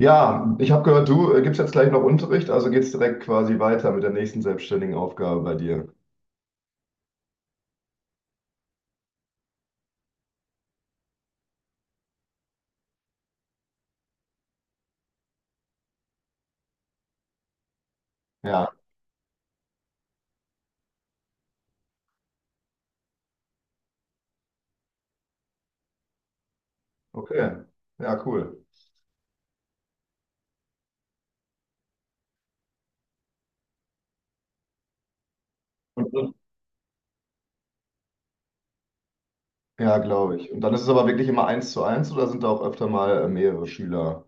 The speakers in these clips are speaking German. Ja, ich habe gehört, du gibst jetzt gleich noch Unterricht, also geht's direkt quasi weiter mit der nächsten selbstständigen Aufgabe bei dir. Ja, okay. Ja, cool. Und ja, glaube ich. Und dann ist es aber wirklich immer eins zu eins oder sind da auch öfter mal mehrere Schüler?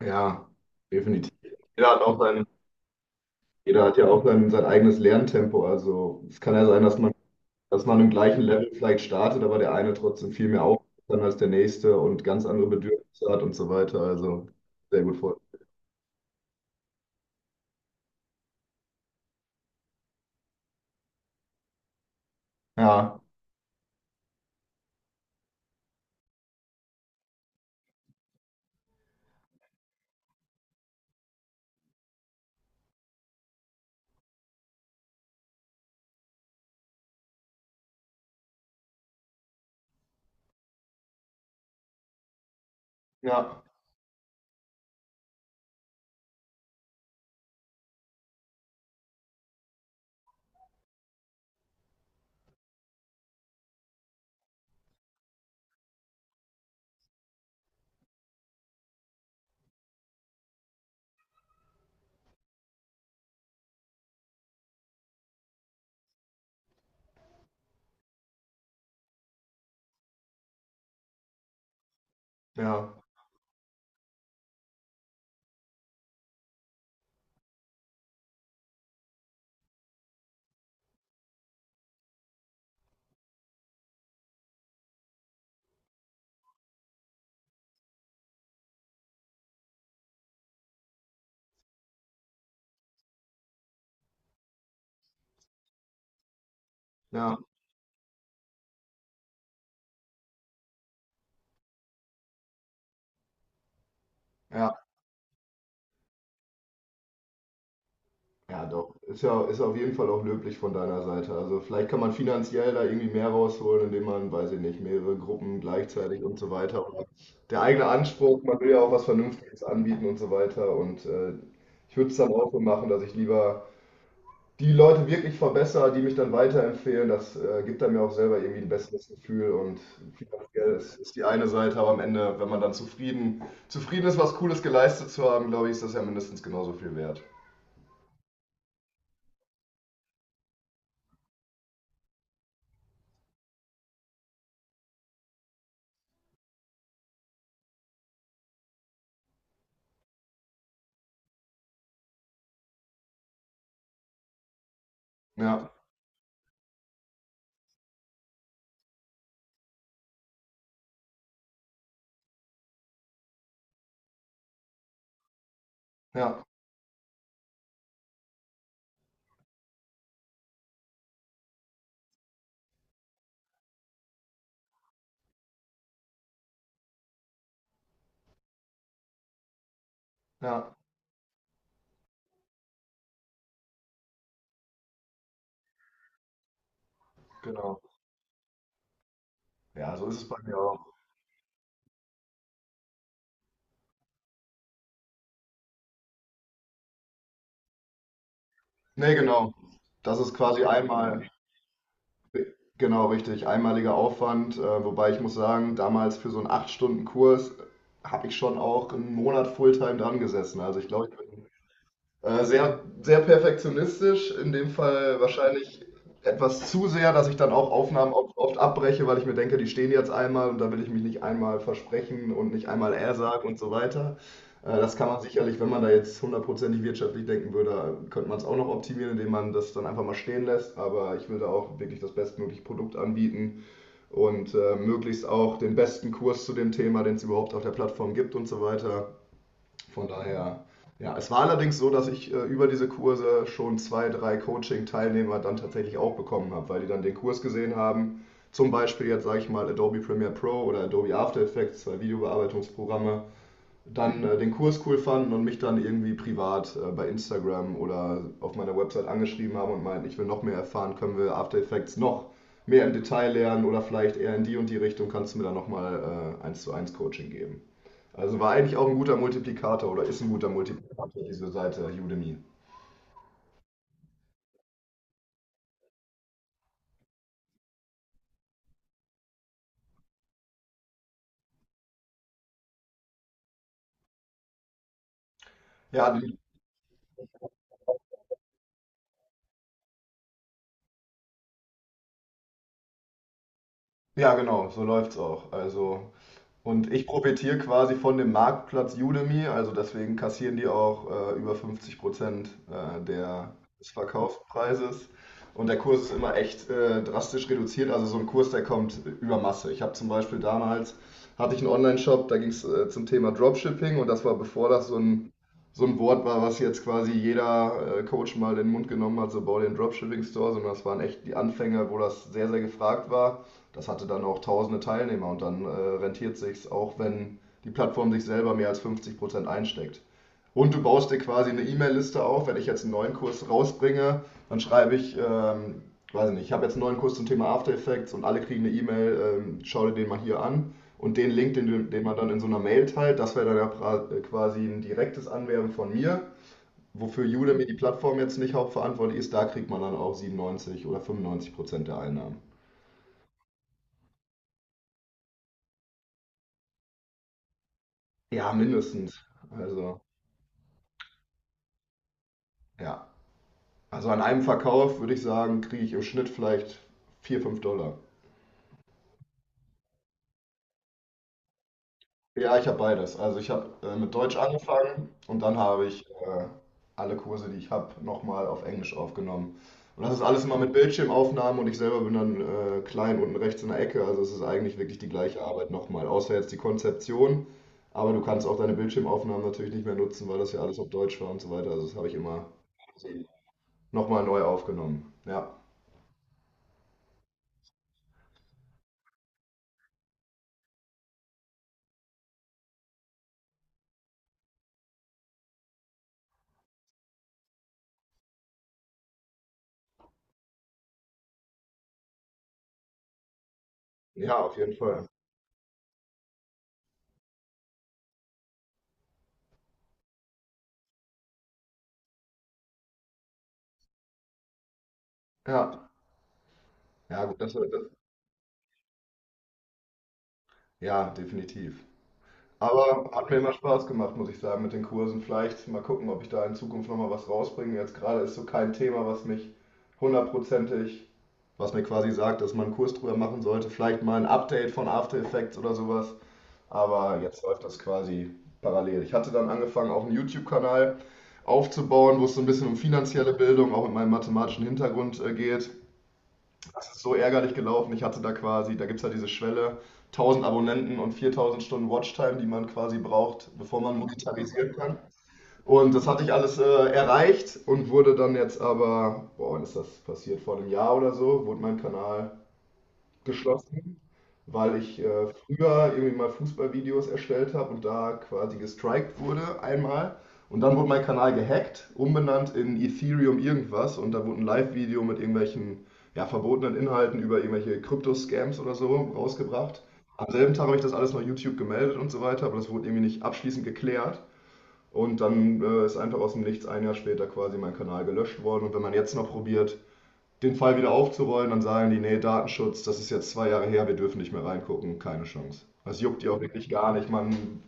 Ja, definitiv. Jeder hat auch sein, Jeder hat ja auch sein, sein eigenes Lerntempo. Also es kann ja sein, dass man im gleichen Level vielleicht startet, aber der eine trotzdem viel mehr auf kann als der nächste und ganz andere Bedürfnisse hat und so weiter. Also sehr gut vor. Ja, ja, ja. Ja, ja, ja, doch. Ist ja, ist auf jeden Fall auch löblich von deiner Seite. Also vielleicht kann man finanziell da irgendwie mehr rausholen, indem man, weiß ich nicht, mehrere Gruppen gleichzeitig und so weiter. Oder der eigene Anspruch, man will ja auch was Vernünftiges anbieten und so weiter. Und ich würde es dann auch so machen, dass ich lieber die Leute wirklich verbessere, die mich dann weiterempfehlen. Das gibt dann mir auch selber irgendwie ein besseres Gefühl. Und finanziell ist, ist die eine Seite, aber am Ende, wenn man dann zufrieden ist, was Cooles geleistet zu haben, glaube ich, ist das ja mindestens genauso viel wert. Ja. Ja, ja, genau. Ja, so ist es bei mir auch. Nee, genau. Das ist quasi einmal, genau, richtig, einmaliger Aufwand. Wobei ich muss sagen, damals für so einen 8-Stunden-Kurs habe ich schon auch einen Monat Fulltime dran gesessen. Also ich glaube, ich bin äh, sehr, sehr perfektionistisch, in dem Fall wahrscheinlich etwas zu sehr, dass ich dann auch Aufnahmen oft, oft abbreche, weil ich mir denke, die stehen jetzt einmal und da will ich mich nicht einmal versprechen und nicht einmal er sagen und so weiter. Das kann man sicherlich, wenn man da jetzt hundertprozentig wirtschaftlich denken würde, könnte man es auch noch optimieren, indem man das dann einfach mal stehen lässt. Aber ich will da auch wirklich das bestmögliche Produkt anbieten und möglichst auch den besten Kurs zu dem Thema, den es überhaupt auf der Plattform gibt und so weiter. Von daher, ja, es war allerdings so, dass ich über diese Kurse schon zwei, drei Coaching-Teilnehmer dann tatsächlich auch bekommen habe, weil die dann den Kurs gesehen haben. Zum Beispiel jetzt sage ich mal Adobe Premiere Pro oder Adobe After Effects, zwei Videobearbeitungsprogramme, dann den Kurs cool fanden und mich dann irgendwie privat bei Instagram oder auf meiner Website angeschrieben haben und meinten, ich will noch mehr erfahren, können wir After Effects noch mehr im Detail lernen oder vielleicht eher in die und die Richtung, kannst du mir dann nochmal eins zu eins Coaching geben. Also war eigentlich auch ein guter Multiplikator oder ist ein guter Multiplikator, diese Seite Udemy. Ja, ja, genau, so läuft's auch. Also und ich profitiere quasi von dem Marktplatz Udemy, also deswegen kassieren die auch über 50% des Verkaufspreises. Und der Kurs ist immer echt drastisch reduziert, also so ein Kurs, der kommt über Masse. Ich habe zum Beispiel damals, hatte ich einen Online-Shop, da ging es zum Thema Dropshipping und das war bevor das so ein Wort war, was jetzt quasi jeder Coach mal in den Mund genommen hat, so bau den Dropshipping-Store, sondern das waren echt die Anfänge, wo das sehr, sehr gefragt war. Das hatte dann auch tausende Teilnehmer und dann rentiert sich's auch, wenn die Plattform sich selber mehr als 50% einsteckt. Und du baust dir quasi eine E-Mail-Liste auf. Wenn ich jetzt einen neuen Kurs rausbringe, dann schreibe ich, weiß nicht, ich habe jetzt einen neuen Kurs zum Thema After Effects und alle kriegen eine E-Mail, schau dir den mal hier an. Und den Link, den man dann in so einer Mail teilt, das wäre dann ja quasi ein direktes Anwerben von mir. Wofür Udemy, die Plattform, jetzt nicht hauptverantwortlich ist, da kriegt man dann auch 97 oder 95% der Einnahmen. Ja, mindestens. Also, ja. Also an einem Verkauf würde ich sagen, kriege ich im Schnitt vielleicht 4, 5 Dollar. Ja, ich habe beides. Also ich habe mit Deutsch angefangen und dann habe ich alle Kurse, die ich habe, nochmal auf Englisch aufgenommen. Und das ist alles immer mit Bildschirmaufnahmen und ich selber bin dann klein unten rechts in der Ecke. Also es ist eigentlich wirklich die gleiche Arbeit nochmal, außer jetzt die Konzeption. Aber du kannst auch deine Bildschirmaufnahmen natürlich nicht mehr nutzen, weil das ja alles auf Deutsch war und so weiter. Also das habe ich immer nochmal neu aufgenommen. Ja. Ja, auf jeden Fall. Ja, ja, gut, das, das, ja, definitiv. Aber hat mir immer Spaß gemacht, muss ich sagen, mit den Kursen. Vielleicht mal gucken, ob ich da in Zukunft nochmal was rausbringe. Jetzt gerade ist so kein Thema, was mich hundertprozentig, was mir quasi sagt, dass man einen Kurs drüber machen sollte. Vielleicht mal ein Update von After Effects oder sowas. Aber jetzt läuft das quasi parallel. Ich hatte dann angefangen, auch einen YouTube-Kanal aufzubauen, wo es so ein bisschen um finanzielle Bildung, auch mit meinem mathematischen Hintergrund geht. Das ist so ärgerlich gelaufen. Ich hatte da quasi, da gibt es ja diese Schwelle, 1000 Abonnenten und 4000 Stunden Watchtime, die man quasi braucht, bevor man monetarisieren kann. Und das hatte ich alles erreicht und wurde dann jetzt aber, boah, wann ist das passiert? Vor einem Jahr oder so, wurde mein Kanal geschlossen, weil ich früher irgendwie mal Fußballvideos erstellt habe und da quasi gestrikt wurde einmal. Und dann wurde mein Kanal gehackt, umbenannt in Ethereum irgendwas und da wurde ein Live-Video mit irgendwelchen ja, verbotenen Inhalten über irgendwelche Krypto-Scams oder so rausgebracht. Am selben Tag habe ich das alles noch YouTube gemeldet und so weiter, aber das wurde irgendwie nicht abschließend geklärt. Und dann ist einfach aus dem Nichts ein Jahr später quasi mein Kanal gelöscht worden. Und wenn man jetzt noch probiert, den Fall wieder aufzurollen, dann sagen die, nee, Datenschutz, das ist jetzt zwei Jahre her, wir dürfen nicht mehr reingucken, keine Chance. Das juckt die auch wirklich gar nicht. Man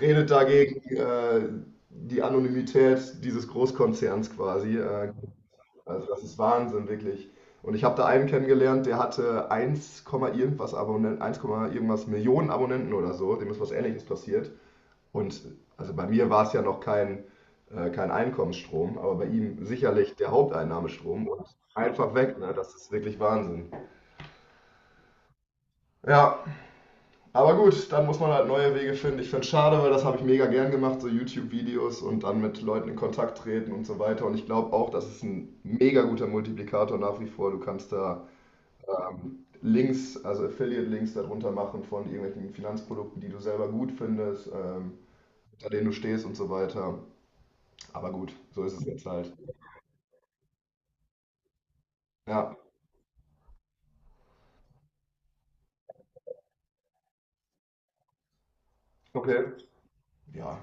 redet dagegen die Anonymität dieses Großkonzerns quasi. Also das ist Wahnsinn, wirklich. Und ich habe da einen kennengelernt, der hatte 1, irgendwas Abonnenten, 1, irgendwas Millionen Abonnenten oder so, dem ist was Ähnliches passiert. Und also bei mir war es ja noch kein, kein Einkommensstrom, aber bei ihm sicherlich der Haupteinnahmestrom und einfach weg, ne? Das ist wirklich Wahnsinn. Ja, aber gut, dann muss man halt neue Wege finden. Ich finde es schade, weil das habe ich mega gern gemacht, so YouTube-Videos und dann mit Leuten in Kontakt treten und so weiter. Und ich glaube auch, das ist ein mega guter Multiplikator nach wie vor. Du kannst da Links, also Affiliate-Links darunter machen von irgendwelchen Finanzprodukten, die du selber gut findest, hinter denen du stehst und so weiter. Aber gut, so ist es jetzt halt. Ja, okay. Ja.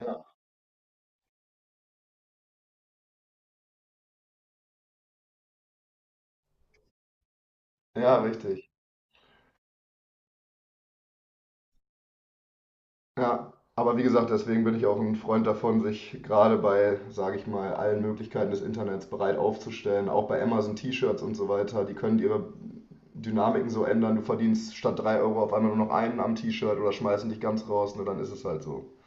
Ja, ja, richtig. Ja. Aber wie gesagt, deswegen bin ich auch ein Freund davon, sich gerade bei, sage ich mal, allen Möglichkeiten des Internets bereit aufzustellen. Auch bei Amazon T-Shirts und so weiter. Die können ihre Dynamiken so ändern. Du verdienst statt 3 Euro auf einmal nur noch einen am T-Shirt oder schmeißen dich ganz raus. Nur dann ist es halt so.